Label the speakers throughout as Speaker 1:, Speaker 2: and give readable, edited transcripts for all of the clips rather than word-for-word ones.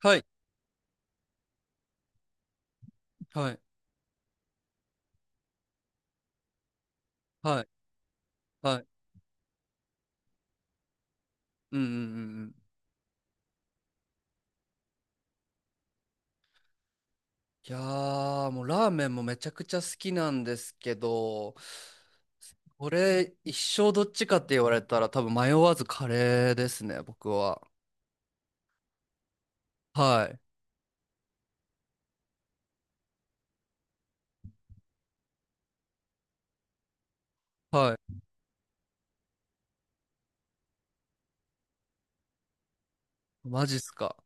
Speaker 1: はい、はい、はい、はい。うんうんうんうん。いやー、もうラーメンもめちゃくちゃ好きなんですけど、これ一生どっちかって言われたら多分迷わずカレーですね、僕は。はい、はい。マジっすか。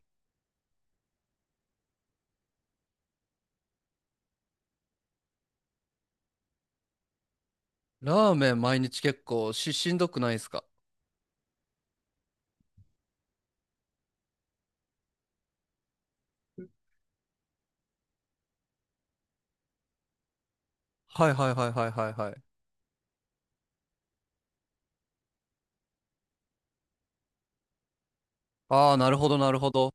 Speaker 1: ラーメン毎日結構しんどくないですか？はいはいはいはいはいはい。あー、なるほどなるほど。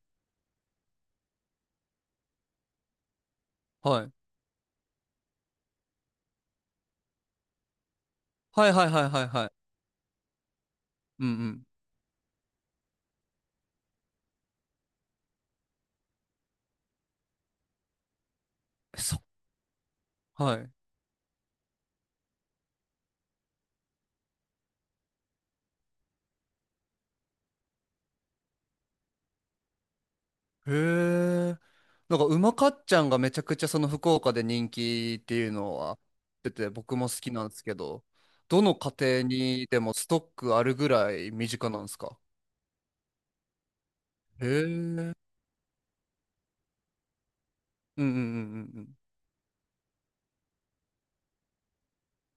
Speaker 1: はい。はいはいはいはいはい。うんうん。そ、はい。へえ。なんか、うまかっちゃんがめちゃくちゃその福岡で人気っていうのは出てて、僕も好きなんですけど、どの家庭にでもストックあるぐらい身近なんですか？へえ。うんうんうんうん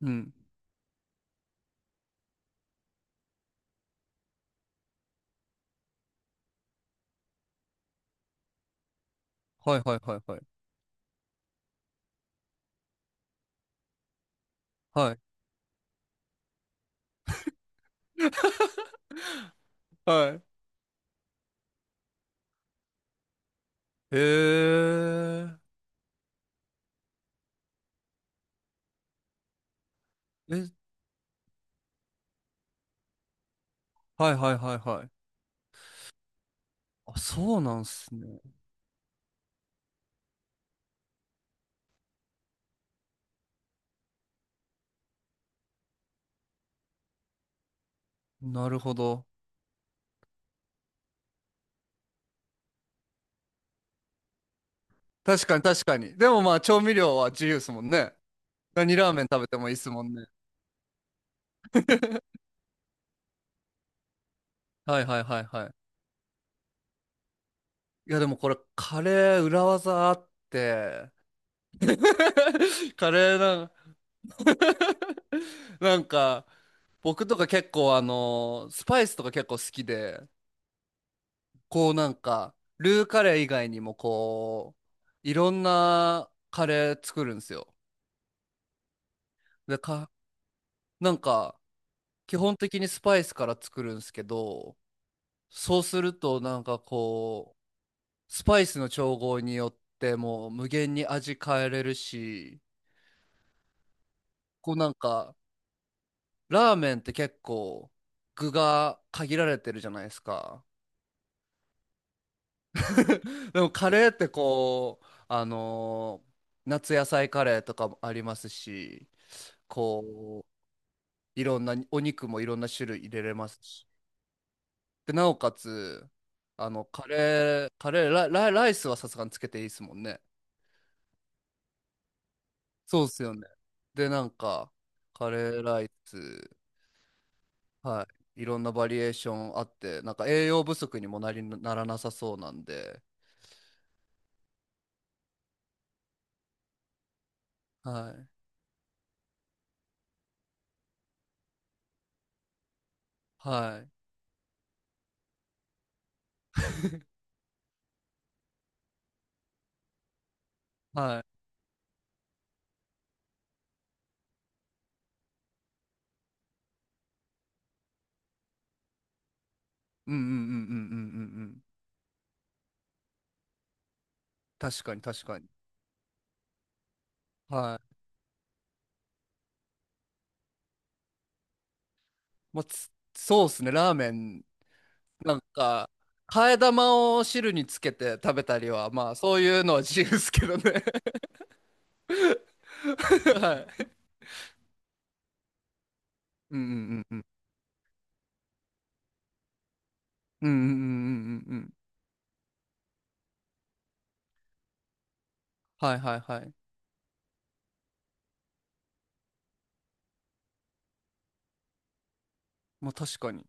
Speaker 1: うん。うん。はいはいはいはい。はい。はい。へえ。え、はいはいはいはい。あ、そうなんすね。なるほど。確かに確かに。でもまあ、調味料は自由ですもんね。何ラーメン食べてもいいですもんね。はいはいはいはい。いや、でもこれ、カレー裏技あって、カレーなん なんか、僕とか結構スパイスとか結構好きで、こうなんか、ルーカレー以外にもこう、いろんなカレー作るんですよ。で、なんか、基本的にスパイスから作るんですけど、そうするとなんかこう、スパイスの調合によってもう無限に味変えれるし、こうなんか、ラーメンって結構具が限られてるじゃないですか。でもカレーってこう、夏野菜カレーとかもありますし、こう、いろんなお肉もいろんな種類入れれますし。で、なおかつ、カレー、カレー、ラ、ラライスはさすがにつけていいですもんね。そうっすよね。で、なんか、カレーライス、はい。いろんなバリエーションあって、なんか栄養不足にもなりならなさそうなんで、はい。はい。はい。うんうんうんうんうんうんうん。確かに確かに。はい。まあ、そうですね。ラーメン、なんか、替え玉を汁につけて食べたりは、まあ、そういうのは自由ですけどね。はい。うんうんうんうん。うんうんうんうんうんうん。はいはいはい。まあ、確かに。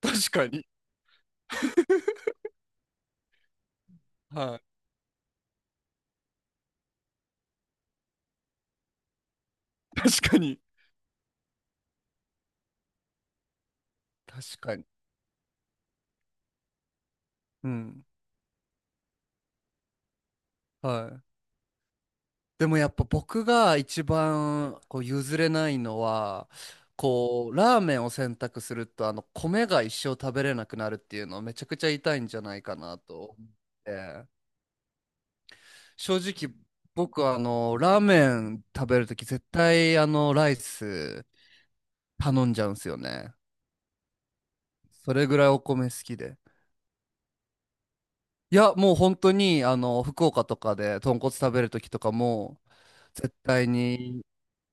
Speaker 1: 確かに。はい。確かに。確かに。うん。はい。でもやっぱ僕が一番こう譲れないのは、こうラーメンを選択するとあの米が一生食べれなくなるっていうのはめちゃくちゃ痛いんじゃないかなと思って、正直僕はあのラーメン食べるとき絶対あのライス頼んじゃうんですよね。それぐらいお米好きで、いやもう本当にあの福岡とかで豚骨食べるときとかも絶対に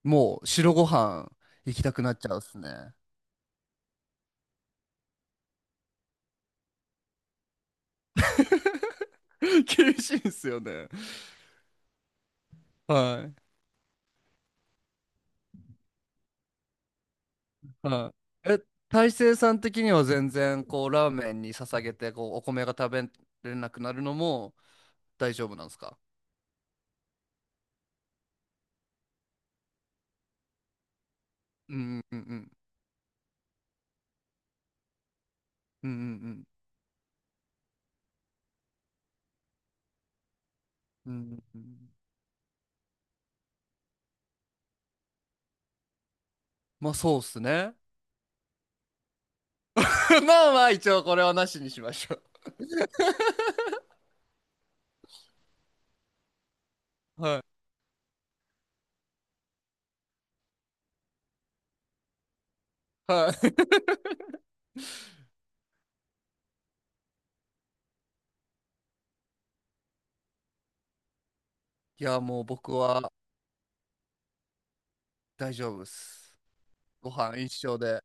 Speaker 1: もう白ご飯行きたくなっちゃうっすね。 厳しいんすよね。はい。はい。え、大成さん的には全然、こう、ラーメンに捧げて、こう、お米が食べれなくなるのも大丈夫なんですか？うんうんうんうんうんうんうんうんうん。まあ、そうっすね。まあまあ、一応これはなしにしましょう。はい。はい。いや、もう僕は大丈夫っす。ご飯一緒で。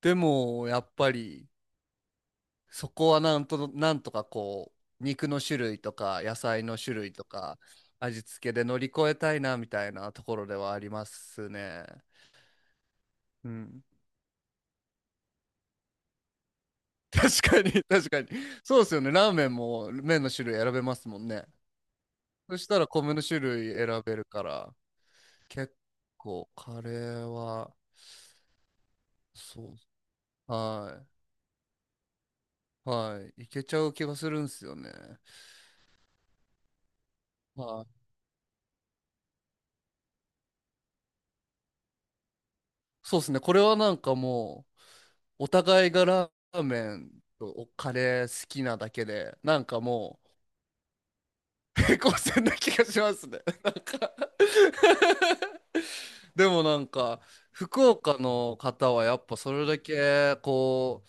Speaker 1: でも、やっぱり、そこはなんとかこう、肉の種類とか、野菜の種類とか、味付けで乗り越えたいな、みたいなところではありますね。うん。確かに、確かに。そうですよね。ラーメンも麺の種類選べますもんね。そしたら米の種類選べるから、結構カレーは、そう、はい、はい、いけちゃう気がするんですよね。はい。そうですね。これはなんかもう、お互いがラーメンとカレー好きなだけで、なんかもう、平行線な気がしますね。なんか でもなんか、福岡の方はやっぱそれだけ、こ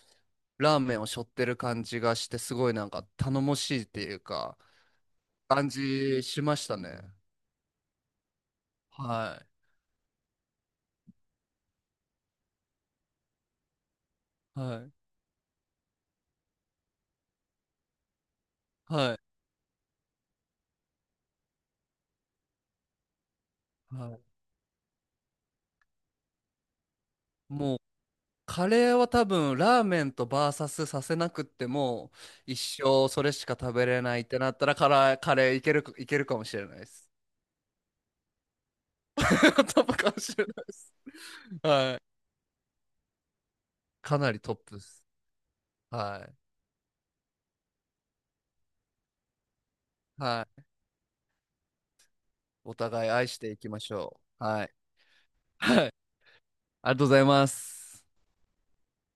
Speaker 1: う、ラーメンを背負ってる感じがして、すごいなんか頼もしいっていうか、感じしましたね。はい。はい。はい。はい。もうカレーは多分ラーメンとバーサスさせなくっても一生それしか食べれないってなったらカレーいけるかもしれないです。トップかもしれないです。はい。かなりトップです。はい。はい。お互い愛していきましょう。はい。はい。ありがとうございます。